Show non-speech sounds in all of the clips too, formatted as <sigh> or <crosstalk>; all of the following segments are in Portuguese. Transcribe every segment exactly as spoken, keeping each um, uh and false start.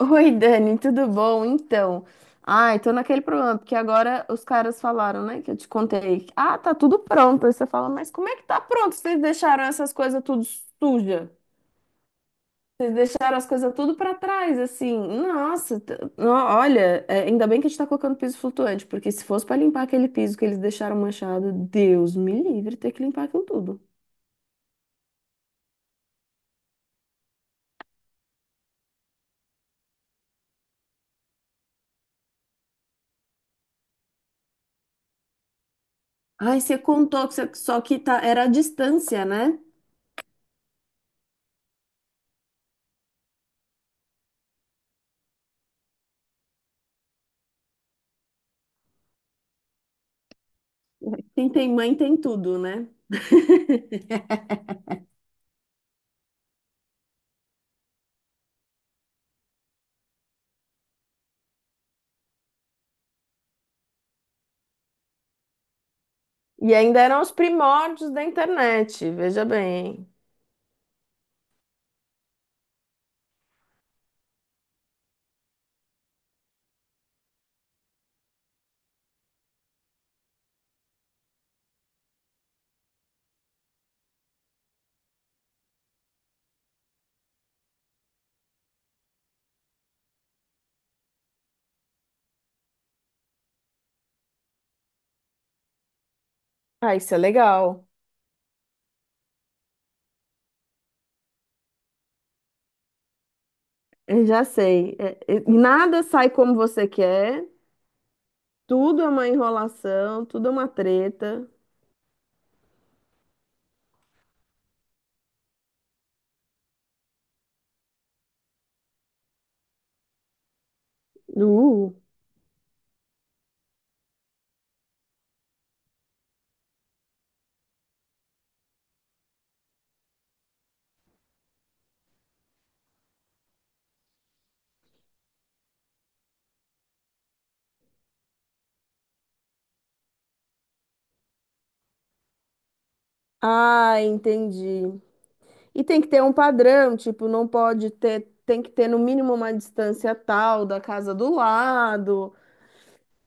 Oi, Dani, tudo bom? Então, ai, tô naquele problema, porque agora os caras falaram, né, que eu te contei. Ah, tá tudo pronto. Aí você fala, mas como é que tá pronto? Vocês deixaram essas coisas tudo suja? Vocês deixaram as coisas tudo pra trás, assim. Nossa, t- no- olha, é, ainda bem que a gente tá colocando piso flutuante, porque se fosse pra limpar aquele piso que eles deixaram manchado, Deus me livre ter que limpar aquilo tudo. Ai, você contou que você- só que tá, era a distância, né? Quem tem mãe tem tudo, né? E ainda eram os primórdios da internet, veja bem. Ah, isso é legal. Eu já sei. É, é, nada sai como você quer, tudo é uma enrolação, tudo é uma treta. Uh. Ah, entendi. E tem que ter um padrão, tipo, não pode ter, tem que ter no mínimo uma distância tal da casa do lado.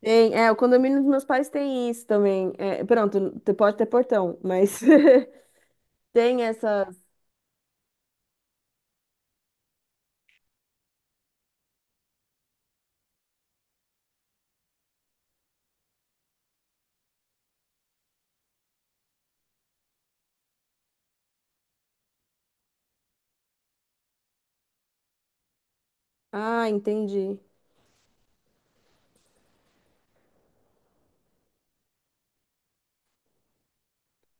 Tem, é, o condomínio dos meus pais tem isso também. É, pronto, te- pode ter portão, mas <laughs> tem essas. Ah, entendi.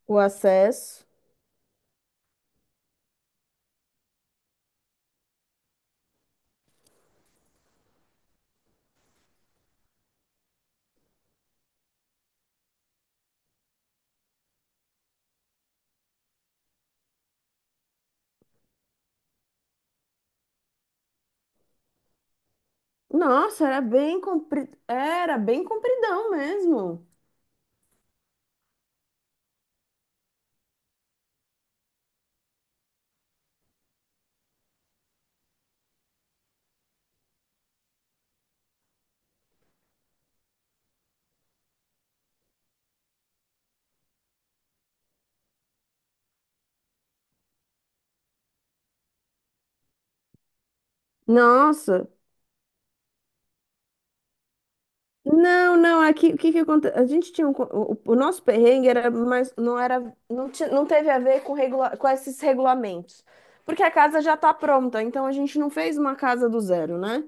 O acesso. Nossa, era bem compri... era bem compridão mesmo. Nossa. Não, não, aqui o que que acontece? A gente tinha um, co- o, o nosso perrengue era mais não era não, ti- não teve a ver com regula... com esses regulamentos. Porque a casa já tá pronta, então a gente não fez uma casa do zero, né?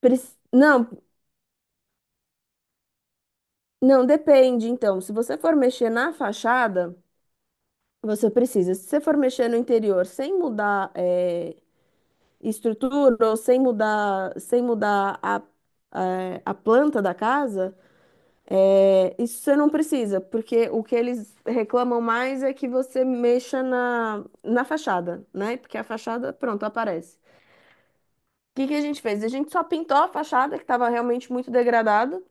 Prec- Não, não depende então. Se você for mexer na fachada, você precisa. Se você for mexer no interior sem mudar eh, estrutura ou sem mudar, sem mudar a, a, a planta da casa, é, isso você não precisa, porque o que eles reclamam mais é que você mexa na, na fachada, né? Porque a fachada, pronto, aparece. O que que a gente fez? A gente só pintou a fachada, que estava realmente muito degradada.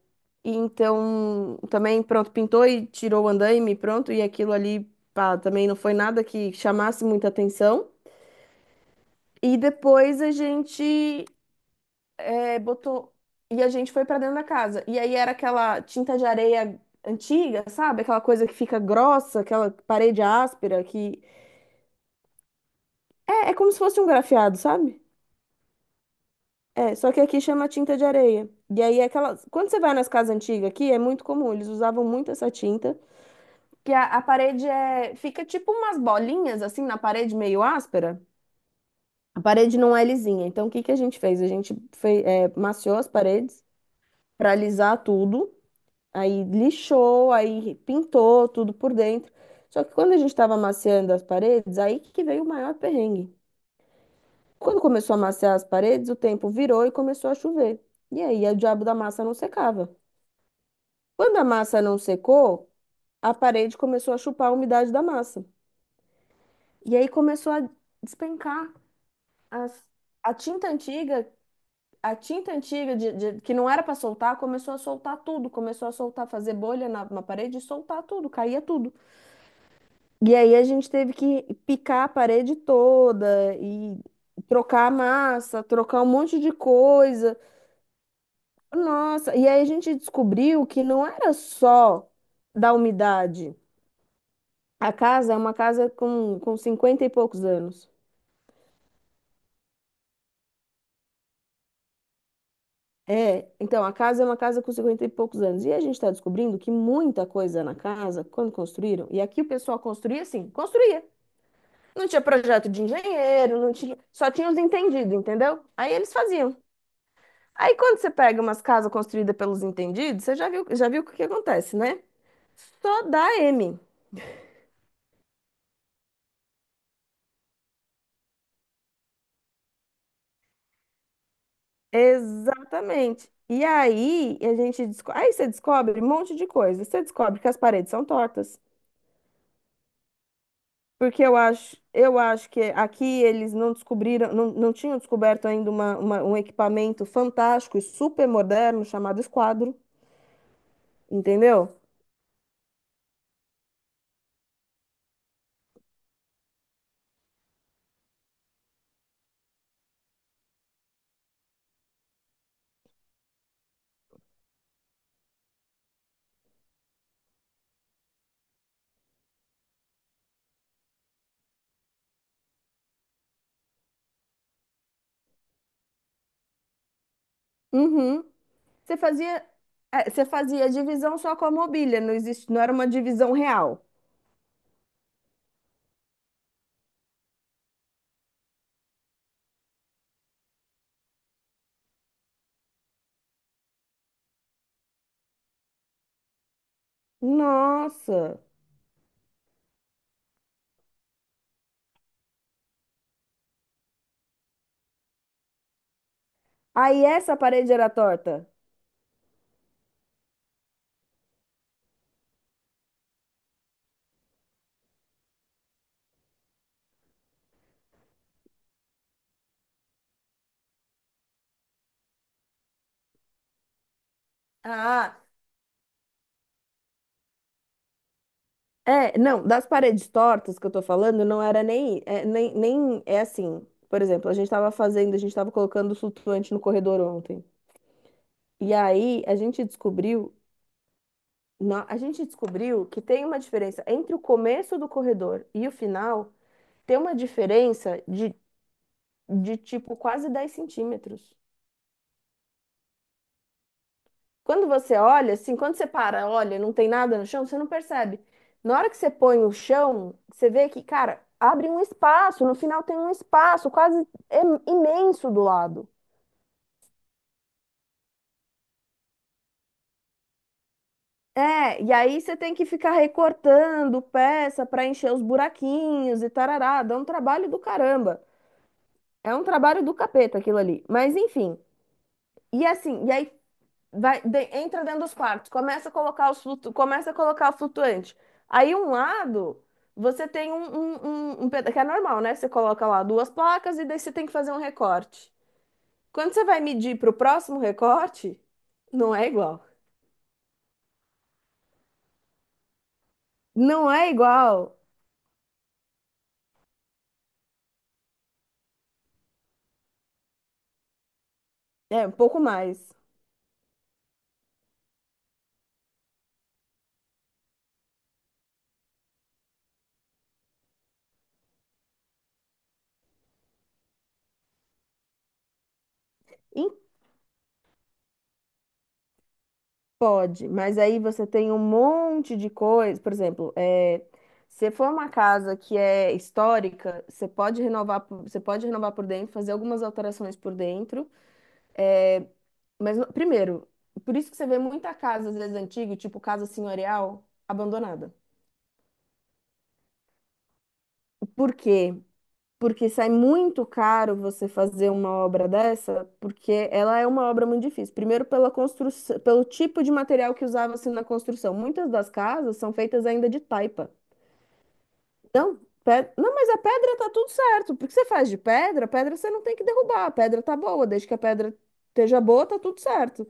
E então, também, pronto, pintou e tirou o andaime, pronto, e aquilo ali, pá, também não foi nada que chamasse muita atenção. E depois a gente é, botou. E a gente foi pra dentro da casa. E aí era aquela tinta de areia antiga, sabe? Aquela coisa que fica grossa, aquela parede áspera que. É, é como se fosse um grafiado, sabe? É, só que aqui chama tinta de areia. E aí é aquela. Quando você vai nas casas antigas aqui, é muito comum, eles usavam muito essa tinta. Que a, a parede é. Fica tipo umas bolinhas assim na parede meio áspera. A parede não é lisinha. Então o que que a gente fez? A gente fe... é, maciou as paredes pra alisar tudo. Aí lixou, aí pintou tudo por dentro. Só que quando a gente estava amaciando as paredes, aí que veio o maior perrengue. Quando começou a amaciar as paredes, o tempo virou e começou a chover. E aí o diabo da massa não secava. Quando a massa não secou, a parede começou a chupar a umidade da massa. E aí começou a despencar. As- A tinta antiga, a tinta antiga de- de- que não era para soltar, começou a soltar tudo. Começou a soltar, fazer bolha na na parede e soltar tudo, caía tudo. E aí a gente teve que picar a parede toda e trocar a massa, trocar um monte de coisa. Nossa, e aí a gente descobriu que não era só da umidade. A casa é uma casa com, com cinquenta e poucos anos. É, então a casa é uma casa com cinquenta e poucos anos. E a gente está descobrindo que muita coisa na casa, quando construíram, e aqui o pessoal construía assim, construía. Não tinha projeto de engenheiro, não tinha, só tinha os entendidos, entendeu? Aí eles faziam. Aí quando você pega umas casas construídas pelos entendidos, você já viu, já viu o que que acontece, né? Só dá M. Exatamente. E aí a gente desco- aí você descobre um monte de coisa. Você descobre que as paredes são tortas. Porque eu acho, eu acho que aqui eles não descobriram, não, não tinham descoberto ainda uma, uma- um equipamento fantástico e super moderno chamado esquadro, entendeu? Uhum. Você fazia, é, você fazia divisão só com a mobília, não existe, não era uma divisão real. Nossa! Aí essa parede era torta. Ah, é, não, das paredes tortas que eu tô falando, não era nem, é, nem, nem, é assim, por exemplo, a gente tava fazendo, a gente tava colocando flutuante no corredor ontem, e aí a gente descobriu, na- a gente descobriu que tem uma diferença entre o começo do corredor e o final, tem uma diferença de, de tipo quase dez centímetros. Quando você olha, assim, quando você para, olha, não tem nada no chão, você não percebe. Na hora que você põe o chão, você vê que, cara, abre um espaço, no final tem um espaço quase im- imenso do lado. É, e aí você tem que ficar recortando peça para encher os buraquinhos e tarará, dá um trabalho do caramba. É um trabalho do capeta aquilo ali. Mas enfim. E assim, e aí vai, de- entra dentro dos quartos, começa a colocar os flutu, começa a colocar o flutuante. Aí um lado você tem um, um, um, um peda- que é normal, né? Você coloca lá duas placas e daí você tem que fazer um recorte. Quando você vai medir para o próximo recorte, não é igual. Não é igual. É um pouco mais. Em- Pode, mas aí você tem um monte de coisa. Por exemplo, é, se for uma casa que é histórica, você pode renovar, por- você pode renovar por dentro, fazer algumas alterações por dentro. É, mas, no- primeiro, por isso que você vê muita casa, às vezes, antiga, tipo casa senhorial, abandonada. Por quê? Porque sai muito caro você fazer uma obra dessa, porque ela é uma obra muito difícil. Primeiro, pela construção, pelo tipo de material que usava-se na construção. Muitas das casas são feitas ainda de taipa. Não, pe- não, mas a pedra tá tudo certo. Porque você faz de pedra, a pedra você não tem que derrubar. A pedra tá boa, desde que a pedra esteja boa, tá tudo certo.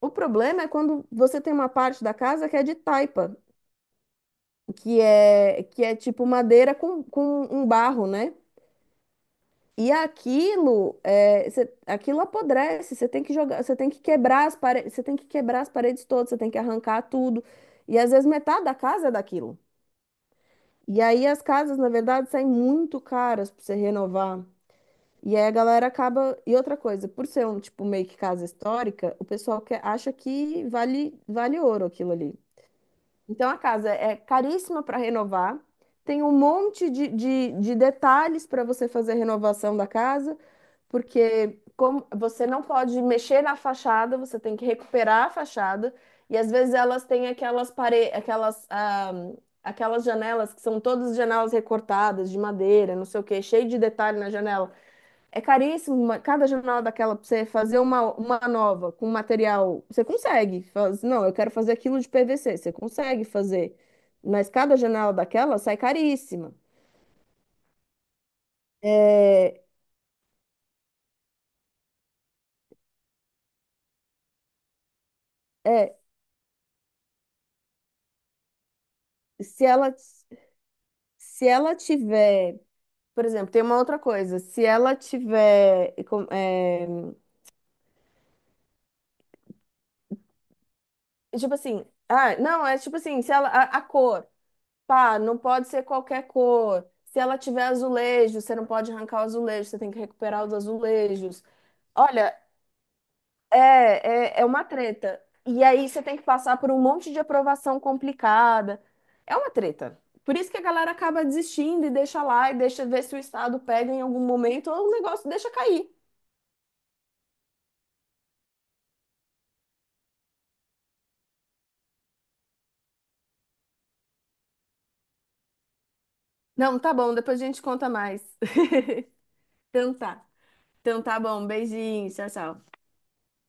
O problema é quando você tem uma parte da casa que é de taipa, que é, que é tipo madeira com, com um barro, né? E aquilo, é, cê- aquilo apodrece, você tem que jogar, você tem que quebrar as paredes, você tem que quebrar as paredes todas, você tem que arrancar tudo. E às vezes metade da casa é daquilo. E aí as casas, na verdade, saem muito caras para você renovar. E aí a galera acaba. E outra coisa, por ser um tipo meio que casa histórica, o pessoal que acha que vale, vale ouro aquilo ali. Então a casa é caríssima para renovar, tem um monte de, de, de detalhes para você fazer a renovação da casa, porque como você não pode mexer na fachada, você tem que recuperar a fachada, e às vezes elas têm aquelas pare... aquelas, ah, aquelas janelas que são todas janelas recortadas de madeira, não sei o quê, cheio de detalhe na janela. É caríssimo, uma- cada jornal daquela pra você fazer uma, uma nova com material, você consegue. Faz, não, eu quero fazer aquilo de P V C, você consegue fazer. Mas cada janela daquela sai caríssima. É, é, se ela, se ela tiver, por exemplo, tem uma outra coisa, se ela tiver, com- é, tipo assim, ah, não, é tipo assim, se ela, a, a cor, pá, não pode ser qualquer cor. Se ela tiver azulejo, você não pode arrancar o azulejo, você tem que recuperar os azulejos. Olha, é, é, é uma treta. E aí você tem que passar por um monte de aprovação complicada. É uma treta. Por isso que a galera acaba desistindo e deixa lá e deixa ver se o Estado pega em algum momento ou o negócio deixa cair. Não, tá bom, depois a gente conta mais. <laughs> Então tá. Então tá bom, beijinho, tchau, tchau.